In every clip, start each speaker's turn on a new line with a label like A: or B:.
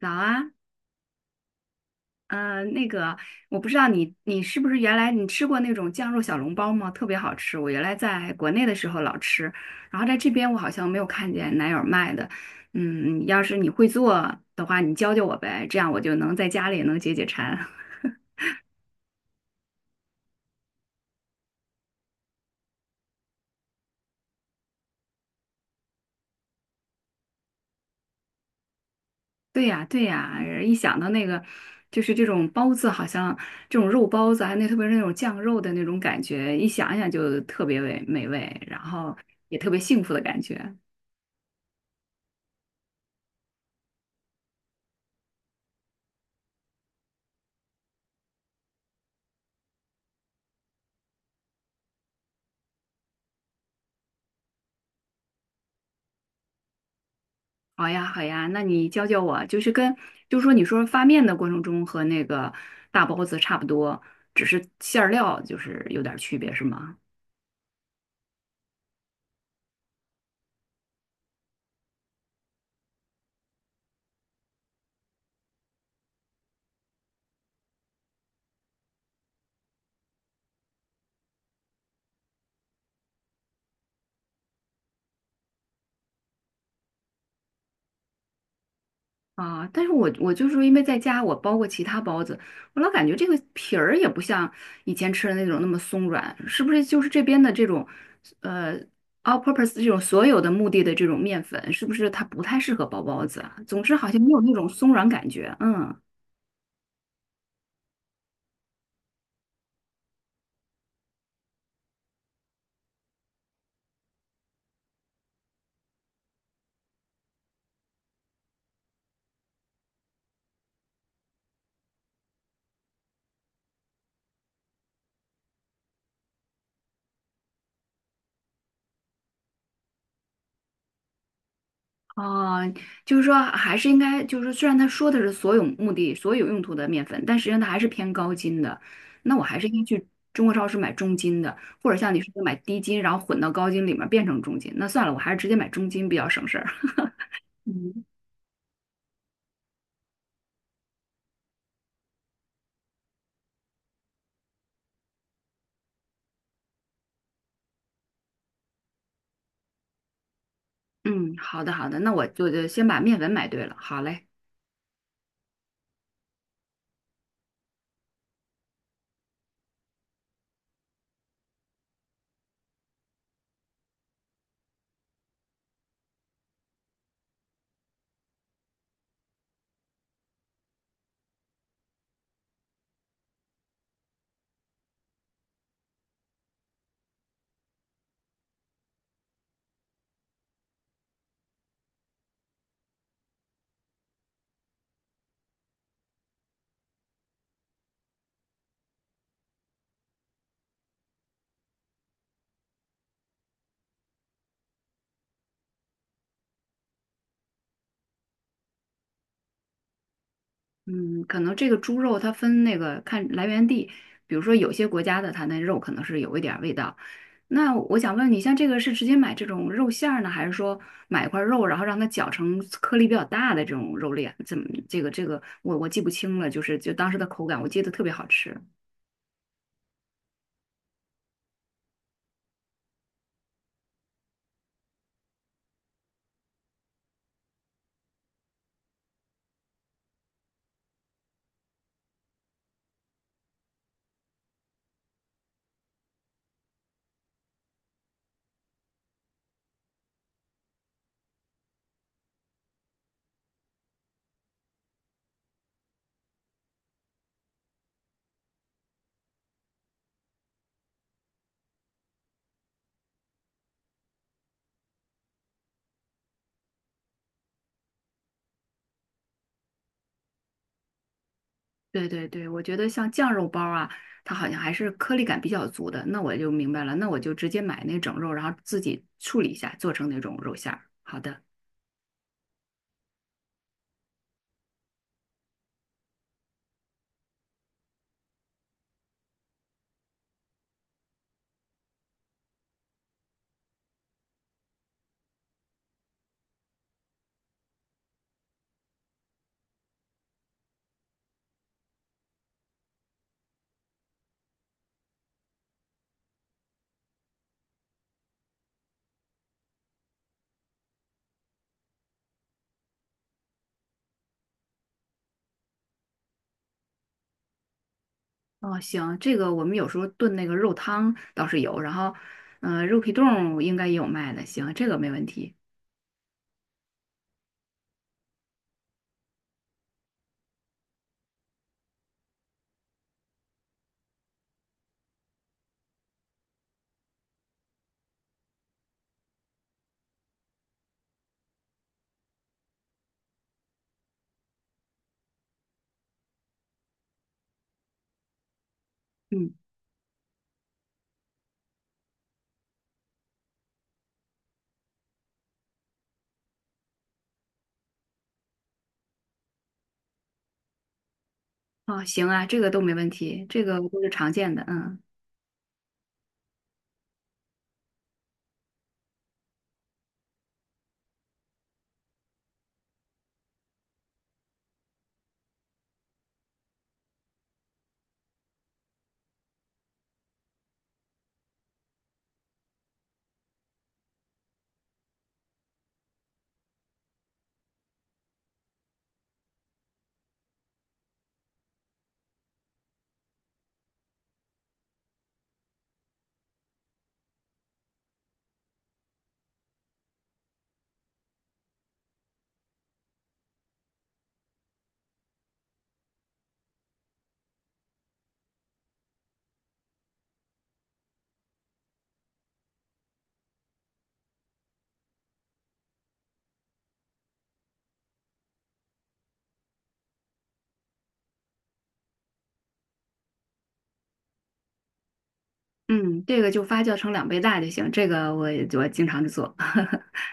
A: 早啊，呃，那个，我不知道你是不是原来你吃过那种酱肉小笼包吗？特别好吃，我原来在国内的时候老吃，然后在这边我好像没有看见哪有卖的。嗯，要是你会做的话，你教教我呗，这样我就能在家里也能解解馋。对呀，对呀，一想到那个，就是这种包子，好像这种肉包子，还有那特别是那种酱肉的那种感觉，一想一想就特别美味，然后也特别幸福的感觉。好呀，好呀，那你教教我，就是跟，就是说你说发面的过程中和那个大包子差不多，只是馅儿料就是有点儿区别，是吗？啊，但是我就是因为在家我包过其他包子，我老感觉这个皮儿也不像以前吃的那种那么松软，是不是就是这边的这种，呃，all purpose 这种所有的目的的这种面粉，是不是它不太适合包包子啊？总之好像没有那种松软感觉，嗯。哦，就是说还是应该，就是说虽然他说的是所有目的、所有用途的面粉，但实际上它还是偏高筋的。那我还是应该去中国超市买中筋的，或者像你说的买低筋，然后混到高筋里面变成中筋。那算了，我还是直接买中筋比较省事儿。嗯，嗯，好的好的，那我就先把面粉买对了。好嘞，嗯，可能这个猪肉它分那个看来源地，比如说有些国家的它那肉可能是有一点儿味道，那我想问你，像这个是直接买这种肉馅儿呢，还是说买一块肉，然后让它搅成颗粒比较大的这种肉粒啊？怎么这个我记不清了，就是就当时的口感，我记得特别好吃。对对对，我觉得像酱肉包啊，它好像还是颗粒感比较足的。那我就明白了，那我就直接买那整肉，然后自己处理一下，做成那种肉馅儿。好的，哦，行，这个我们有时候炖那个肉汤倒是有，然后，嗯、肉皮冻应该也有卖的，行，这个没问题。嗯。哦，行啊，这个都没问题，这个都是常见的，嗯嗯，这个就发酵成两倍大就行，这个我经常就做。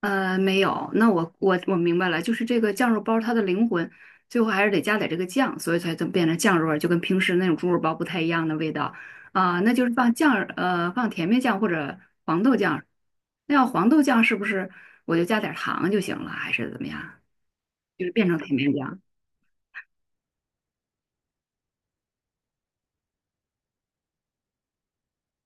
A: 呃，没有，那我明白了，就是这个酱肉包它的灵魂，最后还是得加点这个酱，所以才能变成酱肉味儿就跟平时那种猪肉包不太一样的味道啊，那就是放酱，放甜面酱或者黄豆酱，那要黄豆酱是不是我就加点糖就行了，还是怎么样？就是变成甜面酱。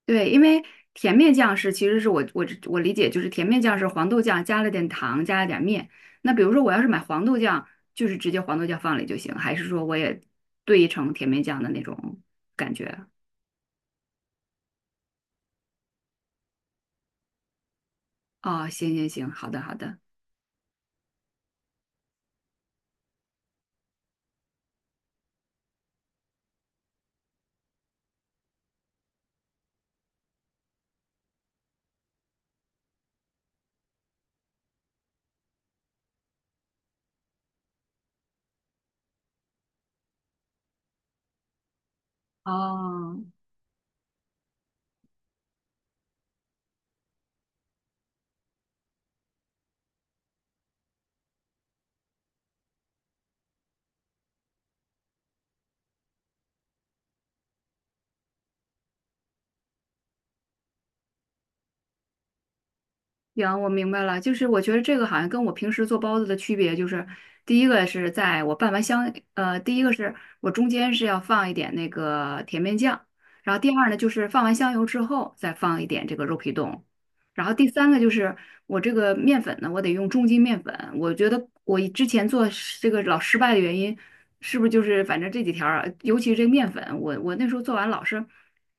A: 对，因为甜面酱是其实是我理解就是甜面酱是黄豆酱加了点糖加了点面。那比如说我要是买黄豆酱，就是直接黄豆酱放里就行，还是说我也兑成甜面酱的那种感觉？哦，行行行，好的好的。哦，行，我明白了，就是我觉得这个好像跟我平时做包子的区别就是，第一个是在我拌完香，第一个是我中间是要放一点那个甜面酱，然后第二呢就是放完香油之后再放一点这个肉皮冻，然后第三个就是我这个面粉呢，我得用中筋面粉，我觉得我之前做是这个老失败的原因，是不是就是反正这几条儿啊，尤其是这个面粉，我那时候做完老是。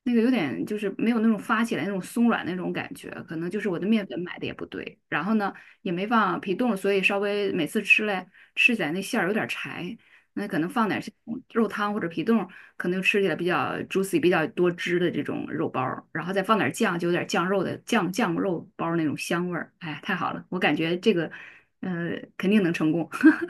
A: 那个有点就是没有那种发起来那种松软那种感觉，可能就是我的面粉买的也不对，然后呢也没放皮冻，所以稍微每次吃起来那馅儿有点柴，那可能放点像肉汤或者皮冻，可能就吃起来比较 juicy 比较多汁的这种肉包儿，然后再放点酱，就有点酱肉的酱肉包儿那种香味儿，哎呀太好了，我感觉这个呃肯定能成功，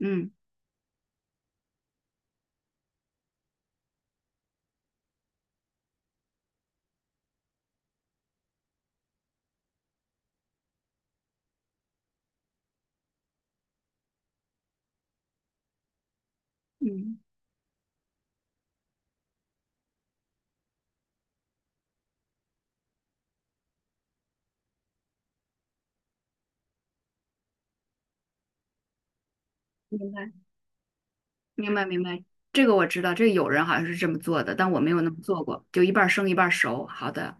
A: 嗯嗯，明白。明白明白，这个我知道，这个有人好像是这么做的，但我没有那么做过，就一半儿生一半儿熟。好的，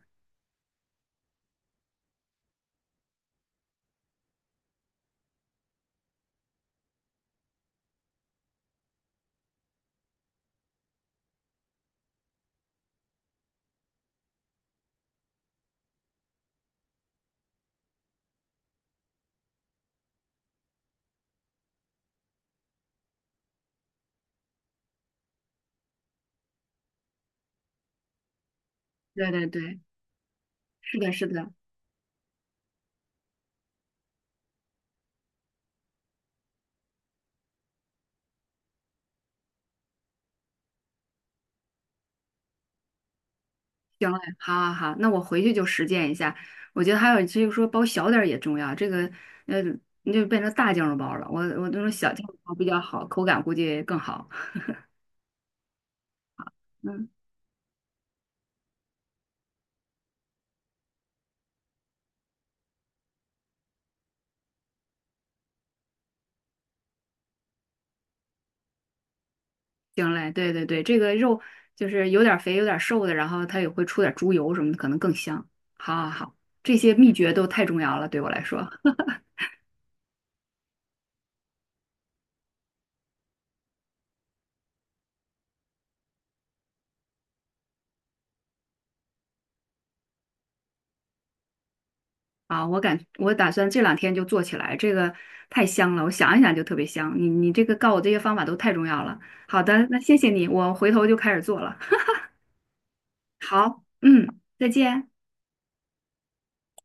A: 对对对，是的，是的，行嘞，好好好，那我回去就实践一下。我觉得还有就是说包小点儿也重要，这个呃，你就变成大酱肉包了，我那种小酱肉包比较好，口感估计更好。嗯，行嘞，对对对，这个肉就是有点儿肥有点儿瘦的，然后它也会出点儿猪油什么的，可能更香。好好好，这些秘诀都太重要了，对我来说。啊，我打算这两天就做起来，这个太香了，我想一想就特别香。你这个告我这些方法都太重要了。好的，那谢谢你，我回头就开始做了。好，嗯，再见。